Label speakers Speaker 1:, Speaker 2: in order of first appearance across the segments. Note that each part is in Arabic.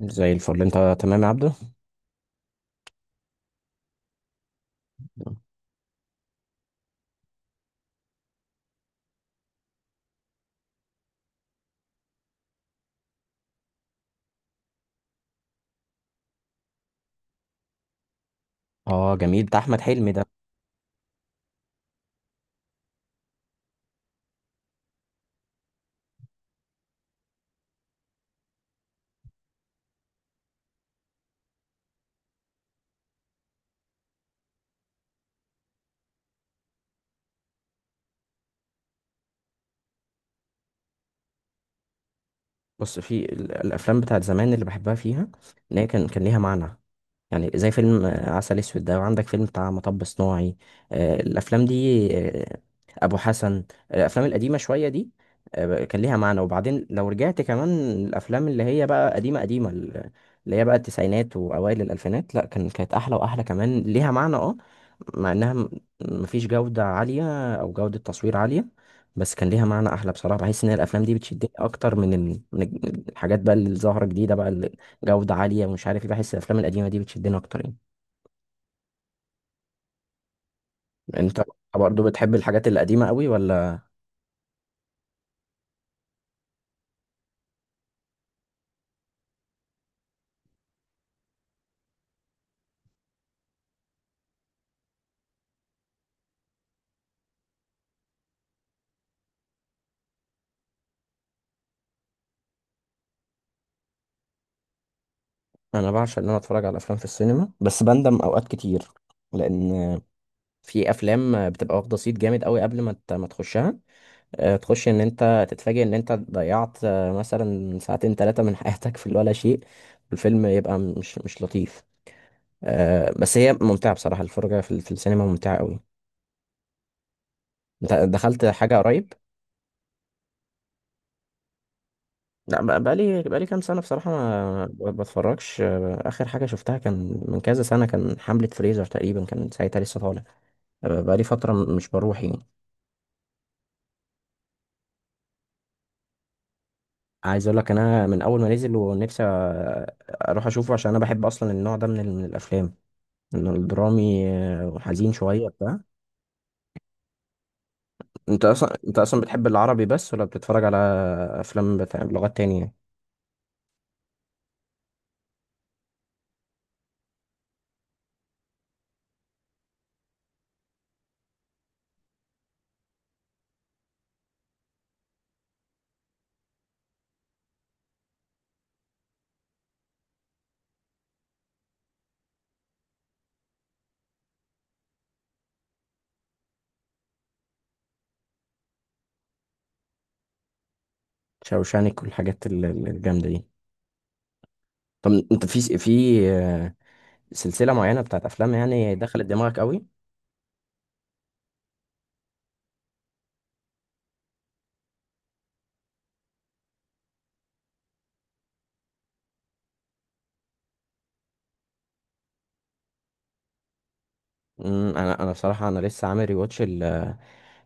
Speaker 1: زي الفل، انت تمام يا عبده؟ اه جميل، ده احمد حلمي ده. بص، في الافلام بتاعت زمان اللي بحبها فيها ان هي كان ليها معنى. يعني زي فيلم عسل اسود ده، وعندك فيلم بتاع مطب صناعي. الافلام دي، ابو حسن، الافلام القديمه شويه دي، كان ليها معنى. وبعدين لو رجعت كمان الافلام اللي هي بقى قديمه قديمه، اللي هي بقى التسعينات واوائل الالفينات، لا كانت احلى واحلى، كمان ليها معنى اه. مع انها مفيش جوده عاليه او جوده تصوير عاليه، بس كان ليها معنى احلى. بصراحه بحس ان الافلام دي بتشدني اكتر من الحاجات بقى اللي ظاهره جديده بقى، جودة عالية ومش عارف ايه. بحس الافلام القديمة دي بتشدني اكتر يعني. يعني انت، طب برضه بتحب الحاجات القديمة قوي ولا؟ انا بعشق ان انا اتفرج على افلام في السينما، بس بندم اوقات كتير لان في افلام بتبقى واخدة صيت جامد قوي قبل ما تخشها. تخش ان انت تتفاجئ ان انت ضيعت، مثلا، ساعتين ثلاثة من حياتك في ولا شيء، والفيلم يبقى مش لطيف. بس هي ممتعة بصراحة، الفرجة في السينما ممتعة قوي. انت دخلت حاجة قريب؟ لا، بقالي كام سنة بصراحة ما بتفرجش. آخر حاجة شفتها كان من كذا سنة، كان حملة فريزر تقريبا، كان ساعتها لسه طالع. بقالي فترة مش بروح يعني. عايز أقول لك، أنا من أول ما نزل ونفسي أروح أشوفه عشان أنا بحب أصلا النوع ده، من الأفلام، إنه الدرامي، وحزين شوية بتاع. أنت أصلا، بتحب العربي بس ولا بتتفرج على أفلام بتاع بلغات تانية يعني؟ شوشانك والحاجات الجامدة دي. طب أنت في سلسلة معينة بتاعت أفلام يعني دخلت دماغك قوي؟ انا بصراحه، انا لسه عامل ريواتش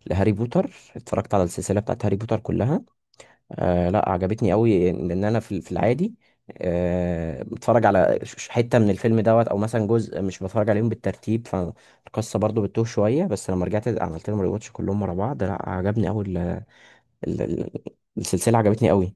Speaker 1: لهاري بوتر، اتفرجت على السلسله بتاعت هاري بوتر كلها. آه لا، عجبتني قوي، لان انا في العادي آه بتفرج على حته من الفيلم دوت، او مثلا جزء، مش بتفرج عليهم بالترتيب، فالقصه برضو بتتوه شويه. بس لما رجعت عملت لهم ريواتش كلهم ورا بعض، لا عجبني قوي ال- ال- السلسله، عجبتني قوي.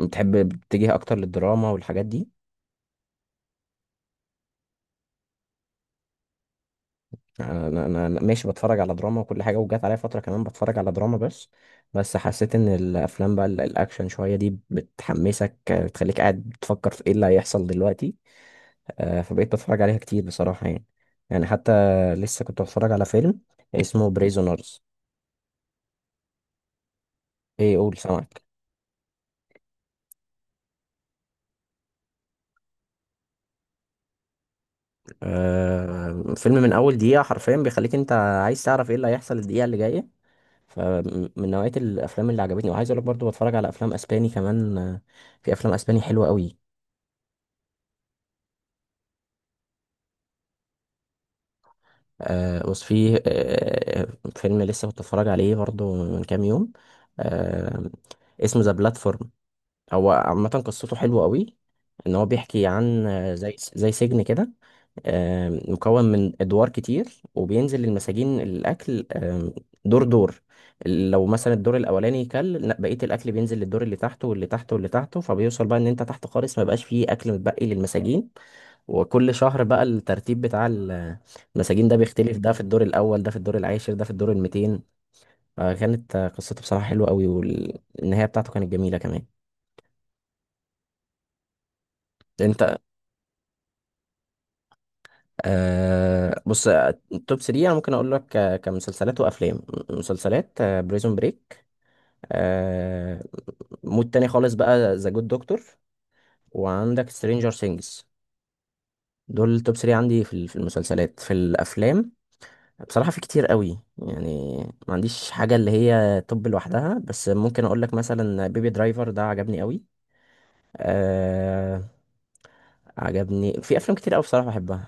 Speaker 1: بتحب بتتجه اكتر للدراما والحاجات دي؟ انا انا أنا ماشي، بتفرج على دراما وكل حاجه، وجات عليا فتره كمان بتفرج على دراما بس. بس حسيت ان الافلام بقى الاكشن شويه دي بتحمسك، بتخليك قاعد بتفكر في ايه اللي هيحصل دلوقتي. فبقيت بتفرج عليها كتير بصراحه يعني. يعني حتى لسه كنت بتفرج على فيلم اسمه بريزونرز. ايه؟ قول، سامعك. فيلم من اول دقيقه حرفيا بيخليك انت عايز تعرف ايه اللي هيحصل الدقيقه اللي جايه. فمن نوعيه الافلام اللي عجبتني. وعايز اقول لك برضو بتفرج على افلام اسباني كمان، في افلام اسباني حلوه قوي. بص، في فيلم لسه كنت بتفرج عليه برضه من كام يوم، آه اسمه ذا بلاتفورم. هو عامة قصته حلوة قوي، ان هو بيحكي عن، زي سجن كده، آه مكون من ادوار كتير وبينزل للمساجين الاكل، دور دور. لو مثلا الدور الاولاني كل، لا، بقية الاكل بينزل للدور اللي تحته واللي تحته واللي تحته، فبيوصل بقى ان انت تحت خالص ما بقاش فيه اكل متبقي للمساجين. وكل شهر بقى الترتيب بتاع المساجين ده بيختلف، ده في الدور الأول، ده في الدور العاشر، ده في الدور الميتين. فكانت، قصته بصراحة حلوة قوي، والنهاية بتاعته كانت جميلة كمان. انت بص، التوب 3 انا ممكن اقول لك، كمسلسلات وافلام، مسلسلات بريزون بريك، آه مود تاني خالص بقى ذا جود دكتور، وعندك سترينجر سينجز. دول التوب 3 عندي في المسلسلات. في الافلام بصراحة في كتير قوي يعني، ما عنديش حاجة اللي هي توب لوحدها، بس ممكن اقول لك مثلا بيبي درايفر ده عجبني قوي. أه، عجبني في افلام كتير قوي بصراحة بحبها،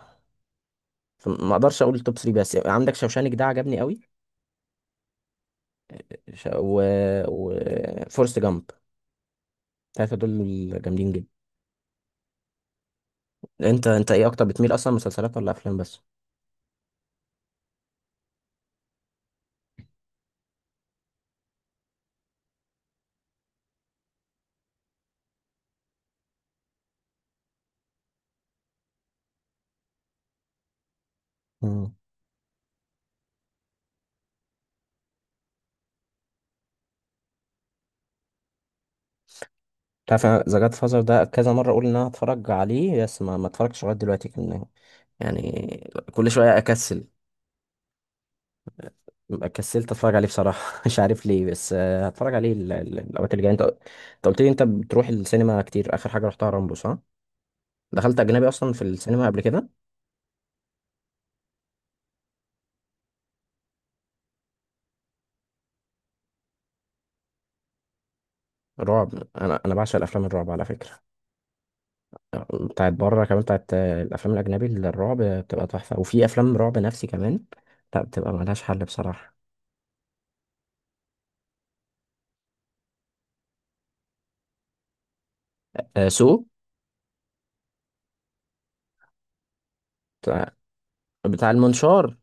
Speaker 1: فما اقدرش اقول التوب 3، بس عندك شوشانك ده عجبني قوي، ش... و... و... فورست جامب، الثلاثة دول جامدين جدا. انت، ايه اكتر بتميل اصلا، مسلسلات ولا افلام بس؟ مم. تعرف ذا جاد فازر ده كذا مرة اقول ان انا هتفرج عليه، بس ما اتفرجتش لغاية دلوقتي. كان يعني كل شوية اكسل، كسلت اتفرج عليه بصراحه مش عارف ليه. بس هتفرج عليه الاوقات اللي جايه. انت، قلت لي انت بتروح السينما كتير، اخر حاجه رحتها رامبو، صح؟ دخلت اجنبي اصلا في السينما قبل كده؟ رعب؟ انا بعشق الافلام الرعب على فكره، بتاعت بره كمان، بتاعت الافلام الاجنبي اللي الرعب بتبقى تحفه، وفي افلام رعب نفسي كمان، لا بتبقى ملهاش حل بصراحه. سو؟ بتاع بتاع المنشار،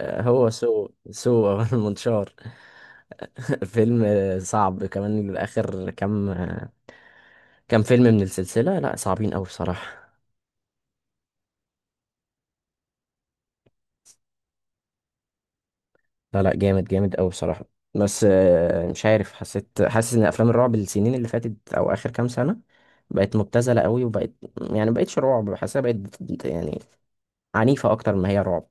Speaker 1: هو سو المنشار. فيلم صعب كمان، اخر كام فيلم من السلسلة لا صعبين أوي بصراحة. لا لا، جامد جامد أوي بصراحة. بس مش عارف، حاسس إن أفلام الرعب السنين اللي فاتت أو آخر كام سنة بقت مبتذلة أوي، وبقت يعني مبقتش رعب، حاسسها بقت يعني عنيفة أكتر ما هي رعب.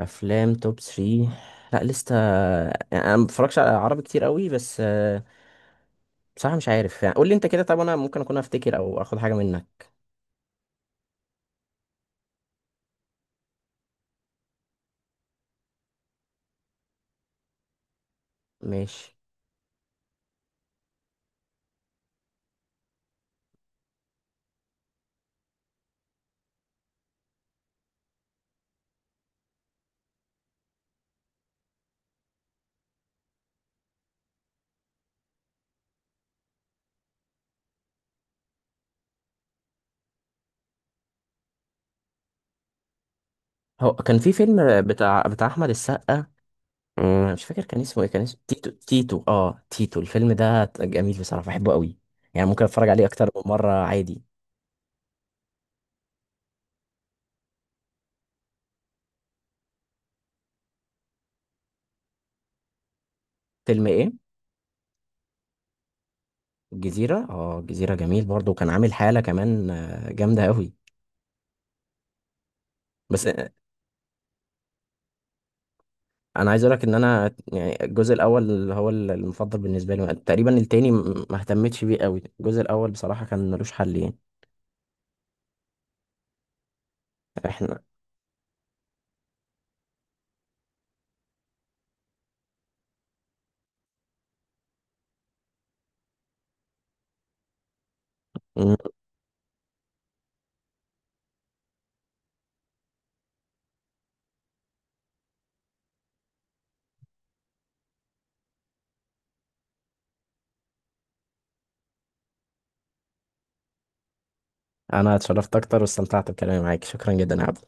Speaker 1: أفلام توب 3؟ لا لسه، يعني أنا مبتفرجش على عربي كتير أوي. بس بصراحة مش عارف، يعني قول لي أنت كده، طب أنا ممكن أكون أفتكر أو آخد حاجة منك. ماشي. هو كان في فيلم بتاع أحمد السقا، مش فاكر كان اسمه ايه، كان اسمه تيتو. الفيلم ده جميل بصراحة، بحبه قوي، يعني ممكن اتفرج عليه اكتر من مرة عادي. فيلم ايه؟ الجزيرة؟ اه الجزيرة جميل برضه، وكان عامل حالة كمان جامدة قوي. بس انا عايز اقولك ان انا يعني الجزء الاول هو المفضل بالنسبة لي، تقريبا التاني ما اهتمتش بيه قوي، الجزء الاول بصراحة كان ملوش حل يعني. احنا، أمم، انا اتشرفت اكتر واستمتعت بكلامي معاك، شكرا جدا يا عبد.